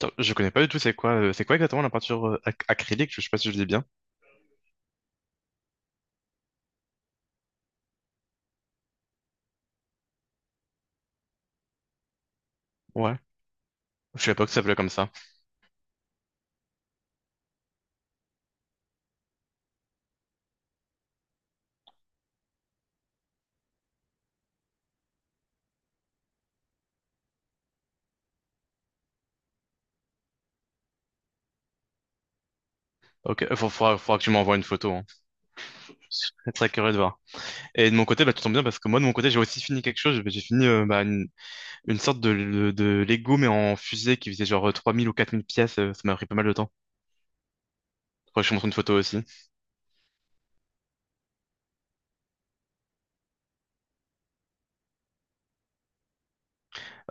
Attends, je connais pas du tout, c'est quoi exactement la peinture acrylique? Je sais pas si je le dis bien. Ouais. Je savais pas que ça s'appelait comme ça. Ok, faudra que tu m'envoies une photo, hein. Je serais très curieux de voir. Et de mon côté, bah, tu tombes bien parce que moi, de mon côté, j'ai aussi fini quelque chose. J'ai fini bah, une sorte de Lego, mais en fusée qui faisait genre 3 000 ou 4 000 pièces. Ça m'a pris pas mal de temps. Faudrait que je te montre une photo aussi.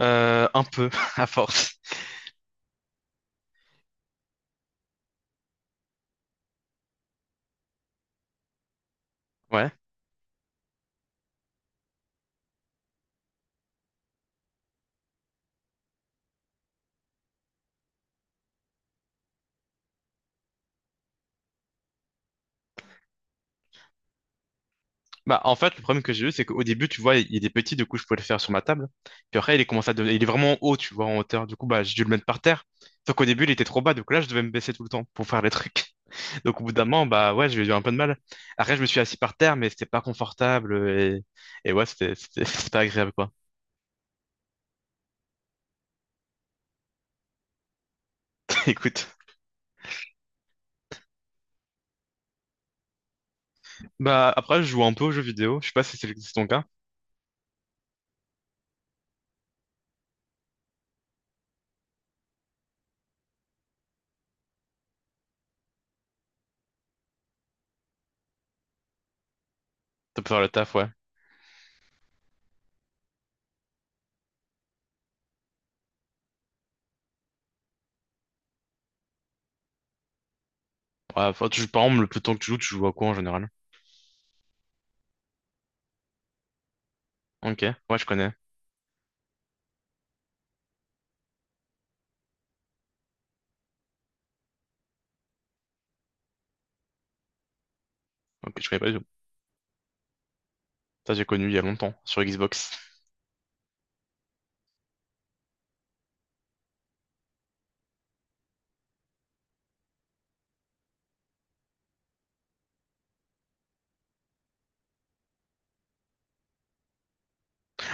Un peu, à force. Ouais. Bah, en fait, le problème que j'ai eu, c'est qu'au début, tu vois, il est petit, du coup, je pouvais le faire sur ma table. Puis après, il est commencé il est vraiment haut, tu vois, en hauteur. Du coup, bah, j'ai dû le mettre par terre. Sauf qu'au début, il était trop bas, donc là, je devais me baisser tout le temps pour faire les trucs. Donc, au bout d'un moment, bah, ouais, j'ai eu un peu de mal. Après, je me suis assis par terre, mais c'était pas confortable et, ouais, c'était pas agréable, quoi. Écoute. Bah, après, je joue un peu aux jeux vidéo. Je sais pas si c'est ton cas. Tu peux faire le taf, ouais. Ouais, enfin, tu joues, par exemple, le plus temps que tu joues à quoi en général? Ok. Ouais, je connais. Ok, je connais pas du tout. Ça, j'ai connu il y a longtemps, sur Xbox.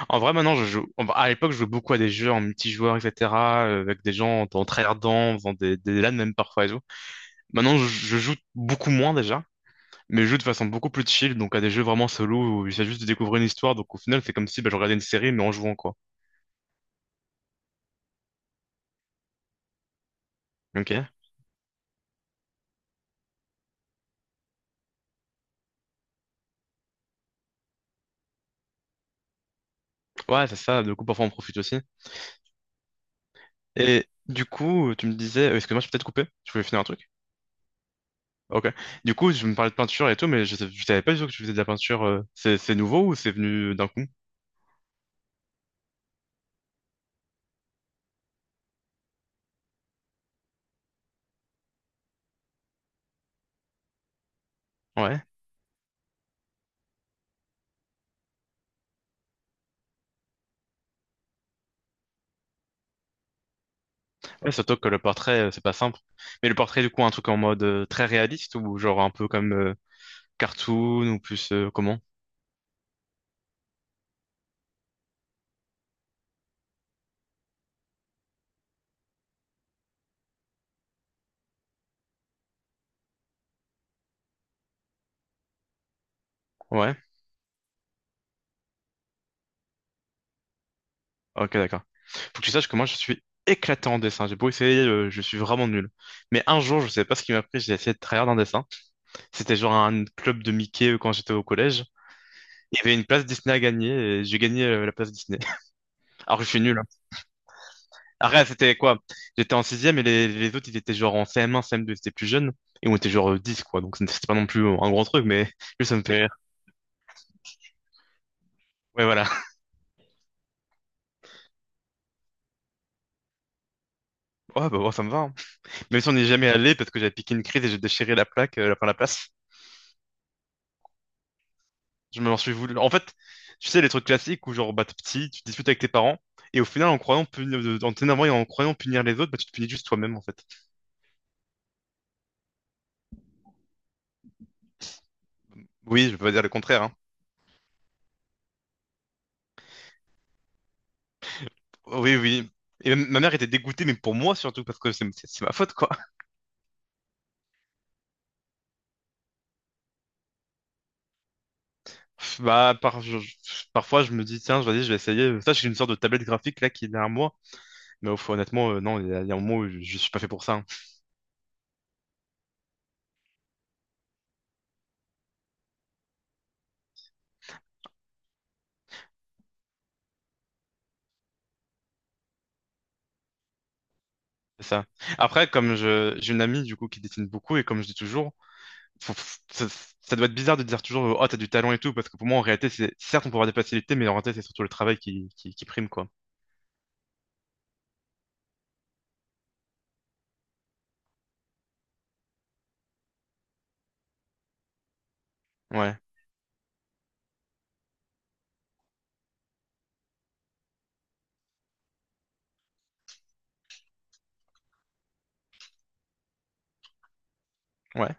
En vrai, maintenant, je joue. À l'époque, je jouais beaucoup à des jeux en multijoueur, etc., avec des gens en tryhardant, en faisant des LAN même parfois et tout. Maintenant, je joue beaucoup moins déjà, mais je joue de façon beaucoup plus chill, donc à des jeux vraiment solo où il s'agit juste de découvrir une histoire. Donc au final, c'est comme si bah, je regardais une série, mais en jouant, quoi. Ok. Ouais, c'est ça. Du coup, parfois, on profite aussi. Et du coup, tu me disais, excuse-moi, je peux peut-être couper. Je voulais finir un truc. Ok. Du coup, je me parlais de peinture et tout, mais je savais pas du tout que tu faisais de la peinture. C'est nouveau ou c'est venu d'un coup? Ouais. Ouais, surtout que le portrait, c'est pas simple. Mais le portrait, du coup, un truc en mode très réaliste ou genre un peu comme cartoon ou plus comment? Ouais. Ok, d'accord. Faut que tu saches que moi, je suis éclatant en dessin. J'ai beau essayer, je suis vraiment nul. Mais un jour, je sais pas ce qui m'a pris, j'ai essayé de tryhard un dessin. C'était genre un club de Mickey quand j'étais au collège. Il y avait une place Disney à gagner et j'ai gagné la place Disney. Alors que je suis nul. Après, c'était quoi? J'étais en sixième et les autres, ils étaient genre en CM1, CM2, ils étaient plus jeunes. Et on était genre 10, quoi. Donc, c'était pas non plus un grand truc, mais juste ça me fait rire. Ouais, voilà. Ouais, bah, bon, ça me va, hein. Même si on n'est jamais allé parce que j'avais piqué une crise et j'ai déchiré la plaque, enfin, la place. Je m'en suis voulu. En fait, tu sais, les trucs classiques où genre, bah, t'es petit, tu discutes avec tes parents. Et au final, en croyant punir, en t'énervant et en croyant punir les autres, bah, tu te punis juste toi-même, en fait. Oui, je peux pas dire le contraire, hein. Oui, oui. Ma mère était dégoûtée, mais pour moi surtout, parce que c'est ma faute, quoi. Bah, parfois, je me dis, tiens, vas-y, je vais essayer. Ça, j'ai une sorte de tablette graphique là qui est derrière moi. Mais au fond, honnêtement, non, il y a un moment où je suis pas fait pour ça, hein. C'est ça. Après, comme j'ai une amie du coup qui dessine beaucoup et comme je dis toujours, faut- faut- ça, ça doit être bizarre de dire toujours, oh, t'as du talent et tout, parce que pour moi, en réalité, c'est certes, on peut avoir des facilités, mais en réalité, c'est surtout le travail qui prime, quoi. Ouais, ouais.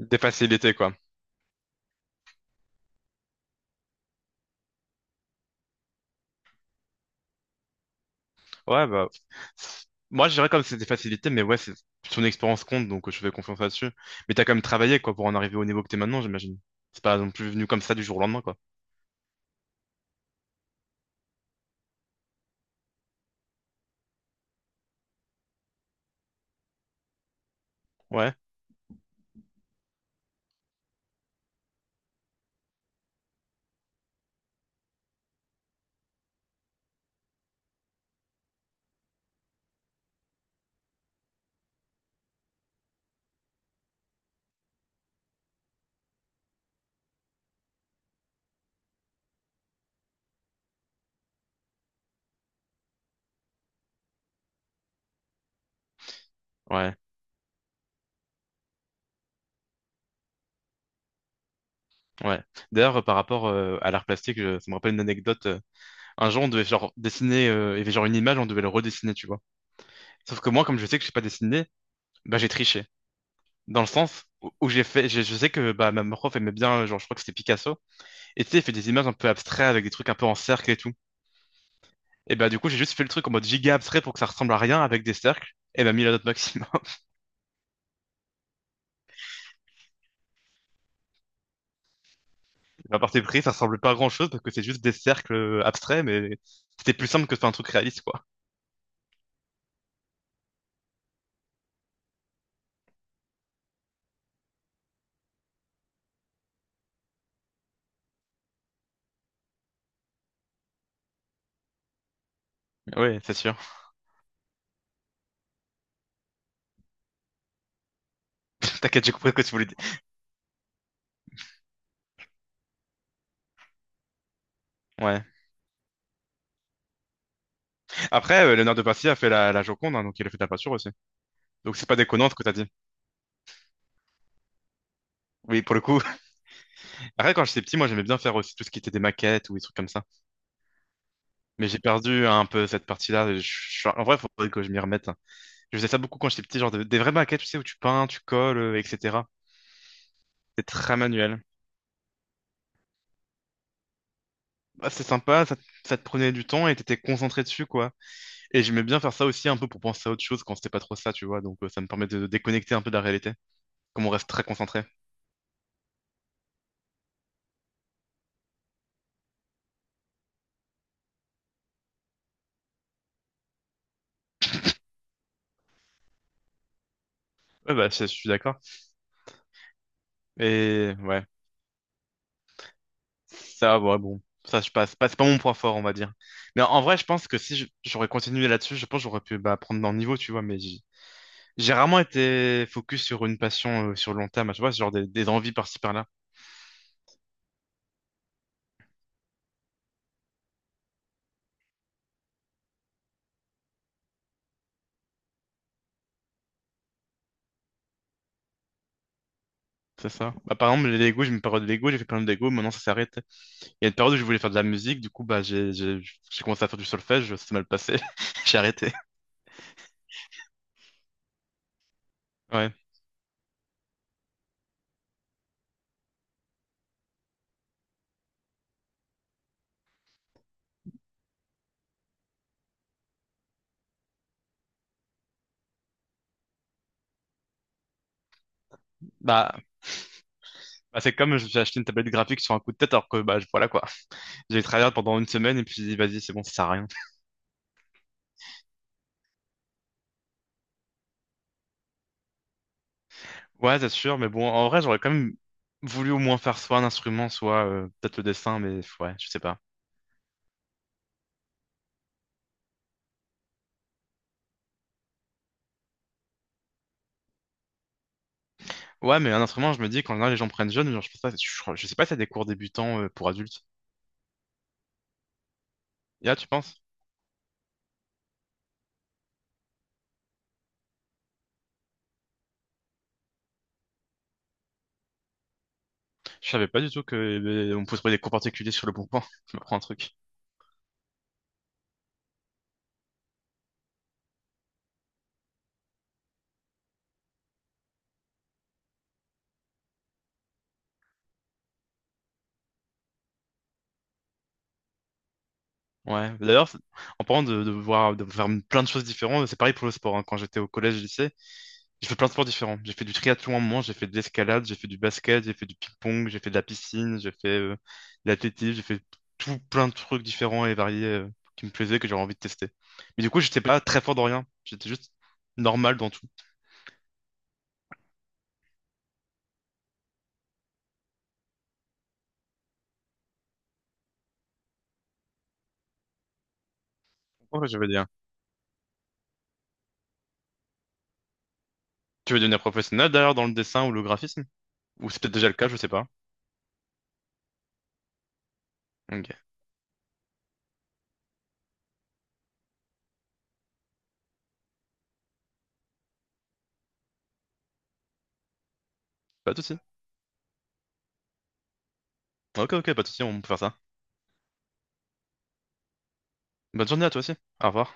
Des facilités, quoi. Ouais, bah, moi, je dirais comme c'est des facilités, mais ouais, c'est son expérience compte, donc je fais confiance là-dessus. Mais t'as quand même travaillé, quoi, pour en arriver au niveau que t'es maintenant, j'imagine. C'est pas non plus venu comme ça du jour au lendemain, quoi. Ouais, ouais, ouais. D'ailleurs, par rapport à l'art plastique, ça me rappelle une anecdote. Un jour, on devait genre dessiner, il y avait genre une image, on devait le redessiner, tu vois. Sauf que moi, comme je sais que je sais pas dessiner, bah, j'ai triché. Dans le sens où je sais que bah, ma prof aimait bien, genre, je crois que c'était Picasso. Et tu sais, il fait des images un peu abstraites avec des trucs un peu en cercle et tout. Et bah, du coup, j'ai juste fait le truc en mode giga abstrait pour que ça ressemble à rien avec des cercles. Et bah, mis la note maximum. À part partir pris, ça ressemble pas à grand chose parce que c'est juste des cercles abstraits, mais c'était plus simple que de faire un truc réaliste, quoi. Oui, c'est sûr. T'inquiète, j'ai compris ce que tu voulais dire. Ouais. Après, Léonard de Vinci a fait la Joconde, hein, donc il a fait de la peinture aussi. Donc c'est pas déconnant ce que t'as dit. Oui, pour le coup. Après, quand j'étais petit, moi, j'aimais bien faire aussi tout ce qui était des maquettes ou des trucs comme ça. Mais j'ai perdu un peu cette partie-là. En vrai, il faudrait que je m'y remette. Je faisais ça beaucoup quand j'étais petit, genre des vraies maquettes, tu sais, où tu peins, tu colles, etc. C'est très manuel. Bah, c'est sympa, ça te prenait du temps et t'étais concentré dessus, quoi. Et j'aimais bien faire ça aussi un peu pour penser à autre chose quand c'était pas trop ça, tu vois. Donc, ça me permettait de déconnecter un peu de la réalité, comme on reste très concentré. Ouais, bah, je suis d'accord. Et ouais. Ça, ouais, bon, ça je passe. C'est pas mon point fort, on va dire. Mais en vrai, je pense que si j'aurais continué là-dessus, je pense que j'aurais pu bah, prendre dans le niveau, tu vois. Mais j'ai rarement été focus sur une passion sur le long terme, tu vois, genre des envies par-ci par-là. C'est ça. Bah, par exemple, les Lego, j'ai eu une période de Lego, j'ai fait plein de Lego, maintenant ça s'arrête. Il y a une période où je voulais faire de la musique, du coup, bah, j'ai commencé à faire du solfège, ça s'est mal passé, j'ai arrêté. Ouais. Bah, bah, c'est comme j'ai acheté une tablette graphique sur un coup de tête, alors que, bah, voilà quoi. J'ai travaillé pendant une semaine et puis j'ai dit, vas-y, c'est bon, ça sert à rien. Ouais, c'est sûr, mais bon, en vrai, j'aurais quand même voulu au moins faire soit un instrument, soit peut-être le dessin, mais ouais, je sais pas. Ouais, mais un instrument, je me dis, quand général, les gens prennent jeune, genre, je pense pas, je sais pas si y a des cours débutants pour adultes. Là, tu penses? Je savais pas du tout que on pouvait trouver des cours particuliers sur le bon coin. Je me prends un truc. Ouais, d'ailleurs, en parlant de voir, de faire plein de choses différentes, c'est pareil pour le sport, hein. Quand j'étais au collège, lycée, j'ai fait plein de sports différents. J'ai fait du triathlon à un moment, j'ai fait de l'escalade, j'ai fait du basket, j'ai fait du ping-pong, j'ai fait de la piscine, j'ai fait de l'athlétisme, j'ai fait tout plein de trucs différents et variés qui me plaisaient, que j'avais envie de tester. Mais du coup, j'étais pas très fort dans rien. J'étais juste normal dans tout. Ouais, je veux dire. Tu veux devenir professionnel d'ailleurs dans le dessin ou le graphisme? Ou c'est peut-être déjà le cas, je sais pas. Ok, pas de souci. Ok, ok, pas de souci, on peut faire ça. Bonne journée à toi aussi. Au revoir.